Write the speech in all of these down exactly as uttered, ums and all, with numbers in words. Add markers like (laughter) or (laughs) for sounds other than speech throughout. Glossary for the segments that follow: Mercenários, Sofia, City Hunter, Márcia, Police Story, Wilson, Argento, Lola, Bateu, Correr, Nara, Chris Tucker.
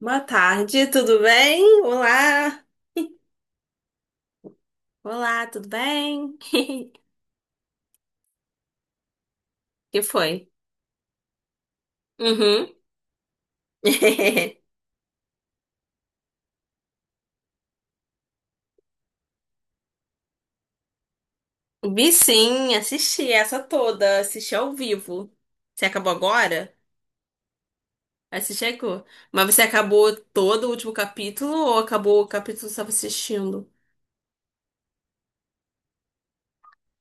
Boa tarde, tudo bem? Olá! (laughs) Olá, tudo bem? (laughs) Que foi? Uhum. (laughs) Vi sim, assisti essa toda, assisti ao vivo. Você acabou agora? Aí você chegou. Mas você acabou todo o último capítulo ou acabou o capítulo que você estava assistindo?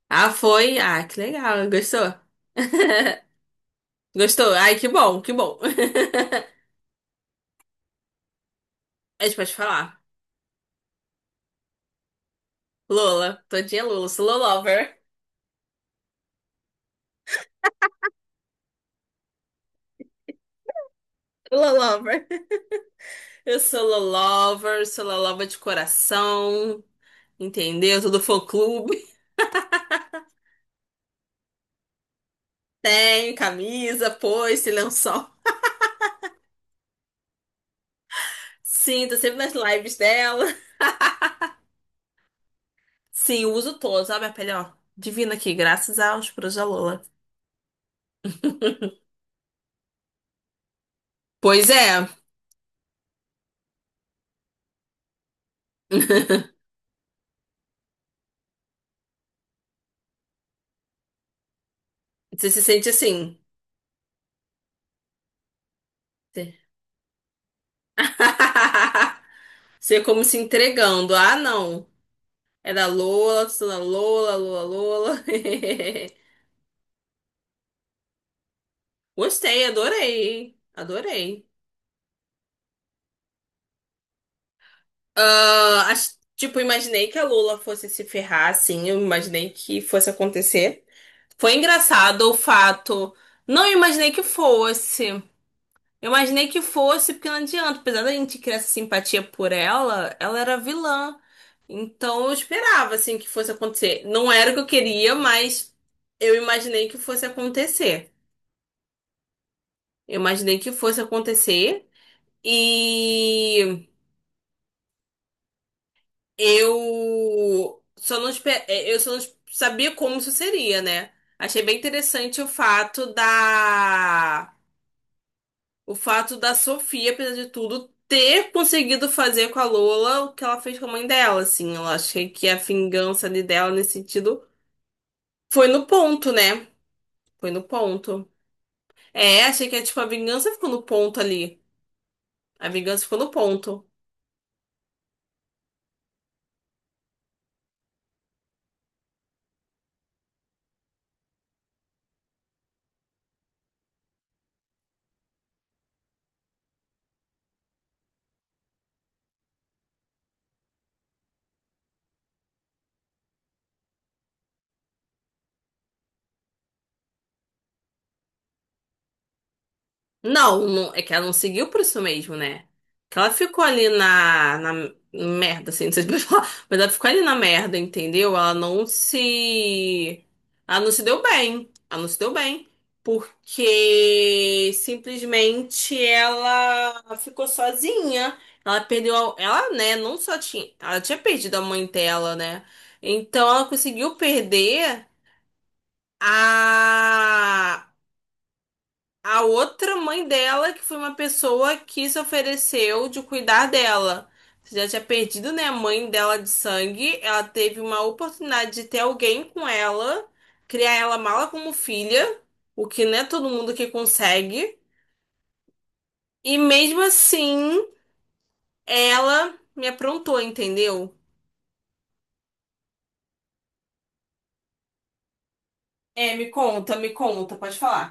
Ah, foi? Ah, que legal, gostou? (laughs) Gostou? Ai, que bom, que bom. (laughs) A gente pode falar. Lola, todinha Lola, sou Lolover. Lolover. Eu sou Lolover, sou Lolova de coração, entendeu? Todo fã-clube. (laughs) Tenho camisa, foice, lençol. Sim, tô sempre nas lives dela. Sim, eu uso todos. Olha a minha pele, ó. Divina aqui, graças aos puros da Lola. Pois é. (laughs) Você se sente assim. Você (laughs) você como se entregando. Ah, não. É da Lola, sou da Lola, Lola, Lola. (laughs) Gostei, adorei. Adorei. Ah, ach- tipo, imaginei que a Lula fosse se ferrar, assim, eu imaginei que fosse acontecer. Foi engraçado o fato. Não imaginei que fosse. Eu imaginei que fosse, porque não adianta. Apesar da gente criar essa simpatia por ela, ela era vilã. Então eu esperava, assim, que fosse acontecer. Não era o que eu queria, mas eu imaginei que fosse acontecer. Eu imaginei que fosse acontecer. E. Eu só não, espe- é, eu só não es- sabia como isso seria, né? Achei bem interessante o fato da o fato da Sofia, apesar de tudo, ter conseguido fazer com a Lola o que ela fez com a mãe dela, assim. Eu achei que a vingança ali dela nesse sentido foi no ponto, né? Foi no ponto. É, achei que tipo a vingança ficou no ponto ali. A vingança ficou no ponto. Não, não- é que ela não seguiu por isso mesmo, né? Que ela ficou ali na, na merda, assim, não sei se pode (laughs) falar, mas ela ficou ali na merda, entendeu? Ela não se. Ela não se deu bem. Ela não se deu bem. Porque simplesmente ela ficou sozinha. Ela perdeu. a- Ela, né? Não só tinha. Ela tinha perdido a mãe dela, né? Então ela conseguiu perder a a outra mãe dela, que foi uma pessoa que se ofereceu de cuidar dela. Você já tinha perdido, né, a mãe dela de sangue. Ela teve uma oportunidade de ter alguém com ela, criar ela mala como filha, o que não é todo mundo que consegue. E mesmo assim, ela me aprontou, entendeu? É, me conta, me conta, pode falar.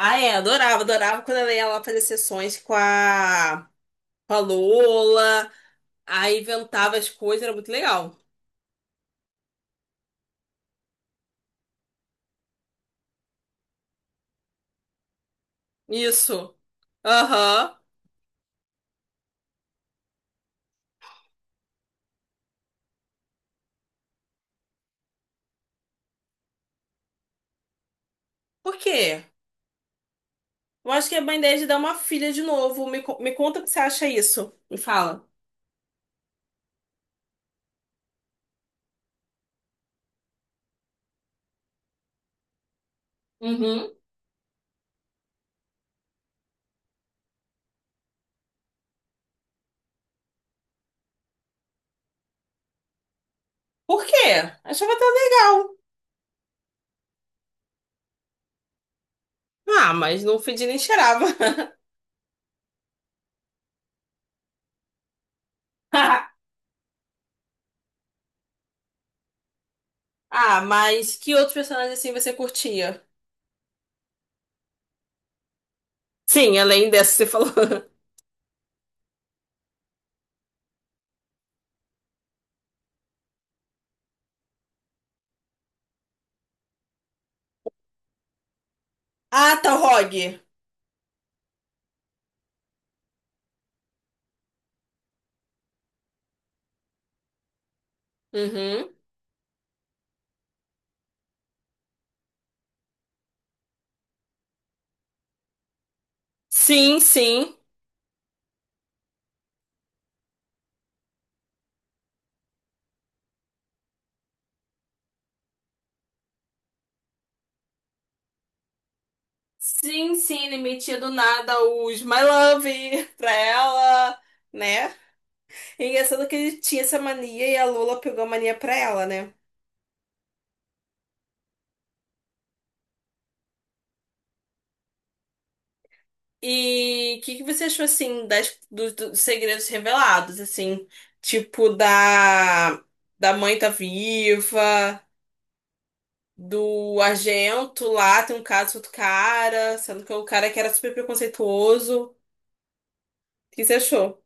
Ah, é, adorava, adorava quando ela ia lá fazer sessões com a, com a Lola, aí inventava as coisas, era muito legal. Isso. Aham. Por quê? Eu acho que é band de dar uma filha de novo. Me, co- me conta o que você acha isso. Me fala. Uhum. Por quê? Achava tão legal. Ah, mas no feed nem cheirava. (laughs) Ah, mas que outros personagens assim você curtia? Sim, além dessa que você falou. (laughs) Ah, tá, o Rogue. Uhum. Sim, sim. Sim, sim, ele metia do nada os My Love pra ela, né? E engraçado que ele tinha essa mania e a Lola pegou a mania pra ela, né? E o que que você achou, assim, das, dos, dos segredos revelados, assim? Tipo, da, da mãe tá viva, do Argento lá, tem um caso com outro cara, sendo que é o cara que era super preconceituoso. O que você achou?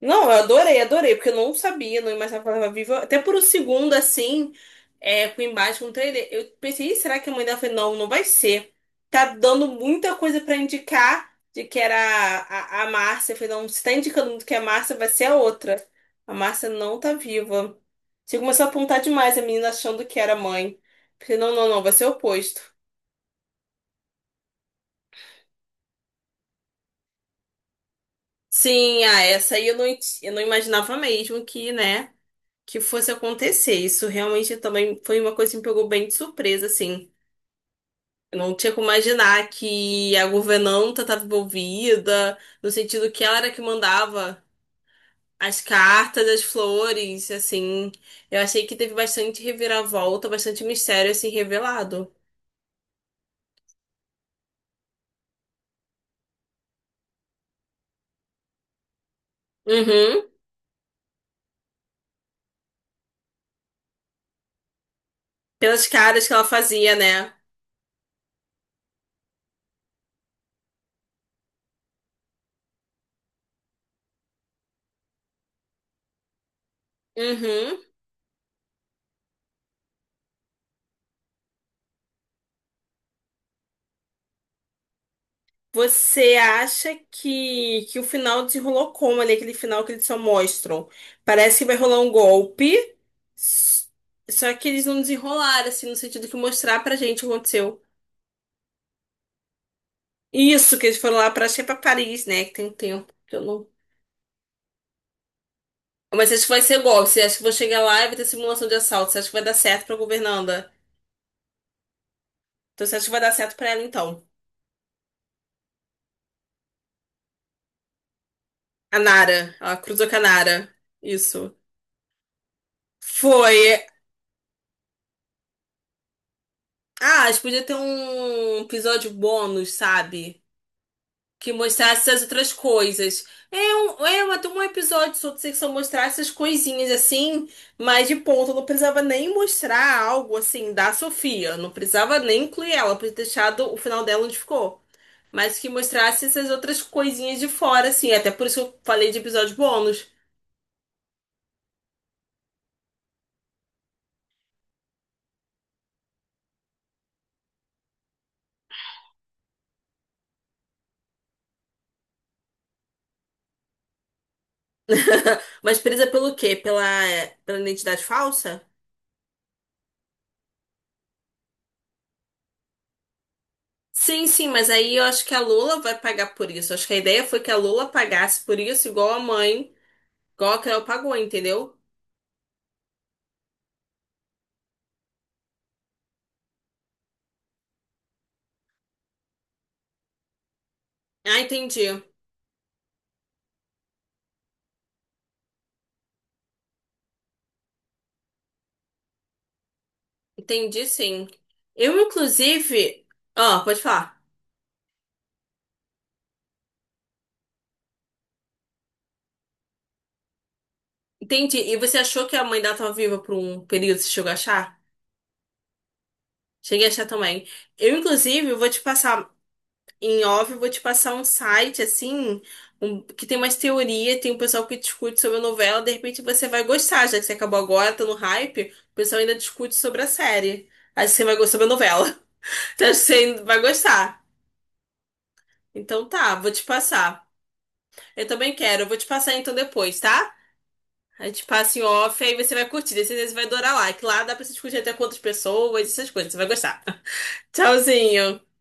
Não, eu adorei, adorei, porque eu não sabia, não imaginava que ela estava viva. Até por um segundo, assim, é, com o embate com o trailer, eu pensei, "Ih, será que a mãe dela foi? Não, não vai ser. Tá dando muita coisa pra indicar de que era a, a, a Márcia. Eu falei, não, se tá indicando muito que é a Márcia, vai ser a outra. A Márcia não tá viva. Você começou a apontar demais a menina achando que era a mãe. Eu falei, não, não, não, vai ser o oposto. Sim, ah, essa aí eu não, eu não imaginava mesmo que, né? Que fosse acontecer. Isso realmente também foi uma coisa que me pegou bem de surpresa, assim. Eu não tinha como imaginar que a governanta estava envolvida, no sentido que ela era que mandava as cartas, as flores, assim. Eu achei que teve bastante reviravolta, bastante mistério, assim, revelado. Uhum. Pelas caras que ela fazia, né? Uhum. Você acha que, que o final desenrolou como ali, aquele final que eles só mostram? Parece que vai rolar um golpe, s- só que eles não desenrolaram, assim, no sentido que mostrar pra gente o que aconteceu. Isso, que eles foram lá pra, acho que é pra Paris, né? Que tem um tempo que eu não. Mas acho que vai ser golpe. Você acha que vou chegar lá e vai ter simulação de assalto? Você acha que vai dar certo pra governanda? Então você acha que vai dar certo pra ela, então? A Nara. Ela cruzou com a Nara. Isso. Foi. Ah, acho que podia ter um episódio bônus, sabe? Que mostrasse as outras coisas. É um, é uma, tem um episódio só sobre que só mostrasse essas coisinhas assim, mas de ponto, não precisava nem mostrar algo assim da Sofia, não precisava nem incluir ela, podia ter deixado o final dela onde ficou. Mas que mostrasse essas outras coisinhas de fora, assim, até por isso que eu falei de episódio bônus. (laughs) Mas presa pelo quê? Pela, pela identidade falsa? Sim, sim, mas aí eu acho que a Lula vai pagar por isso. Acho que a ideia foi que a Lula pagasse por isso, igual a mãe. Coloca, ela pagou, entendeu? Ah, entendi. Entendi, sim. Eu, inclusive. Ah, pode falar. Entendi. E você achou que a mãe dela estava viva por um período? Você chegou a achar? Cheguei a achar também. Eu, inclusive, vou te passar. Em off, eu vou te passar um site, assim, um- que tem umas teorias, tem um pessoal que discute sobre a novela. De repente você vai gostar, já que você acabou agora, tá no hype. O pessoal ainda discute sobre a série. Aí você vai gostar da novela. (laughs) Então, acho que você vai gostar. Então tá, vou te passar. Eu também quero. Eu vou te passar então depois, tá? A gente passa em off, aí você vai curtir. Daí você vai adorar lá. Que lá dá pra você discutir até com outras pessoas, essas coisas. Você vai gostar. (laughs) Tchauzinho.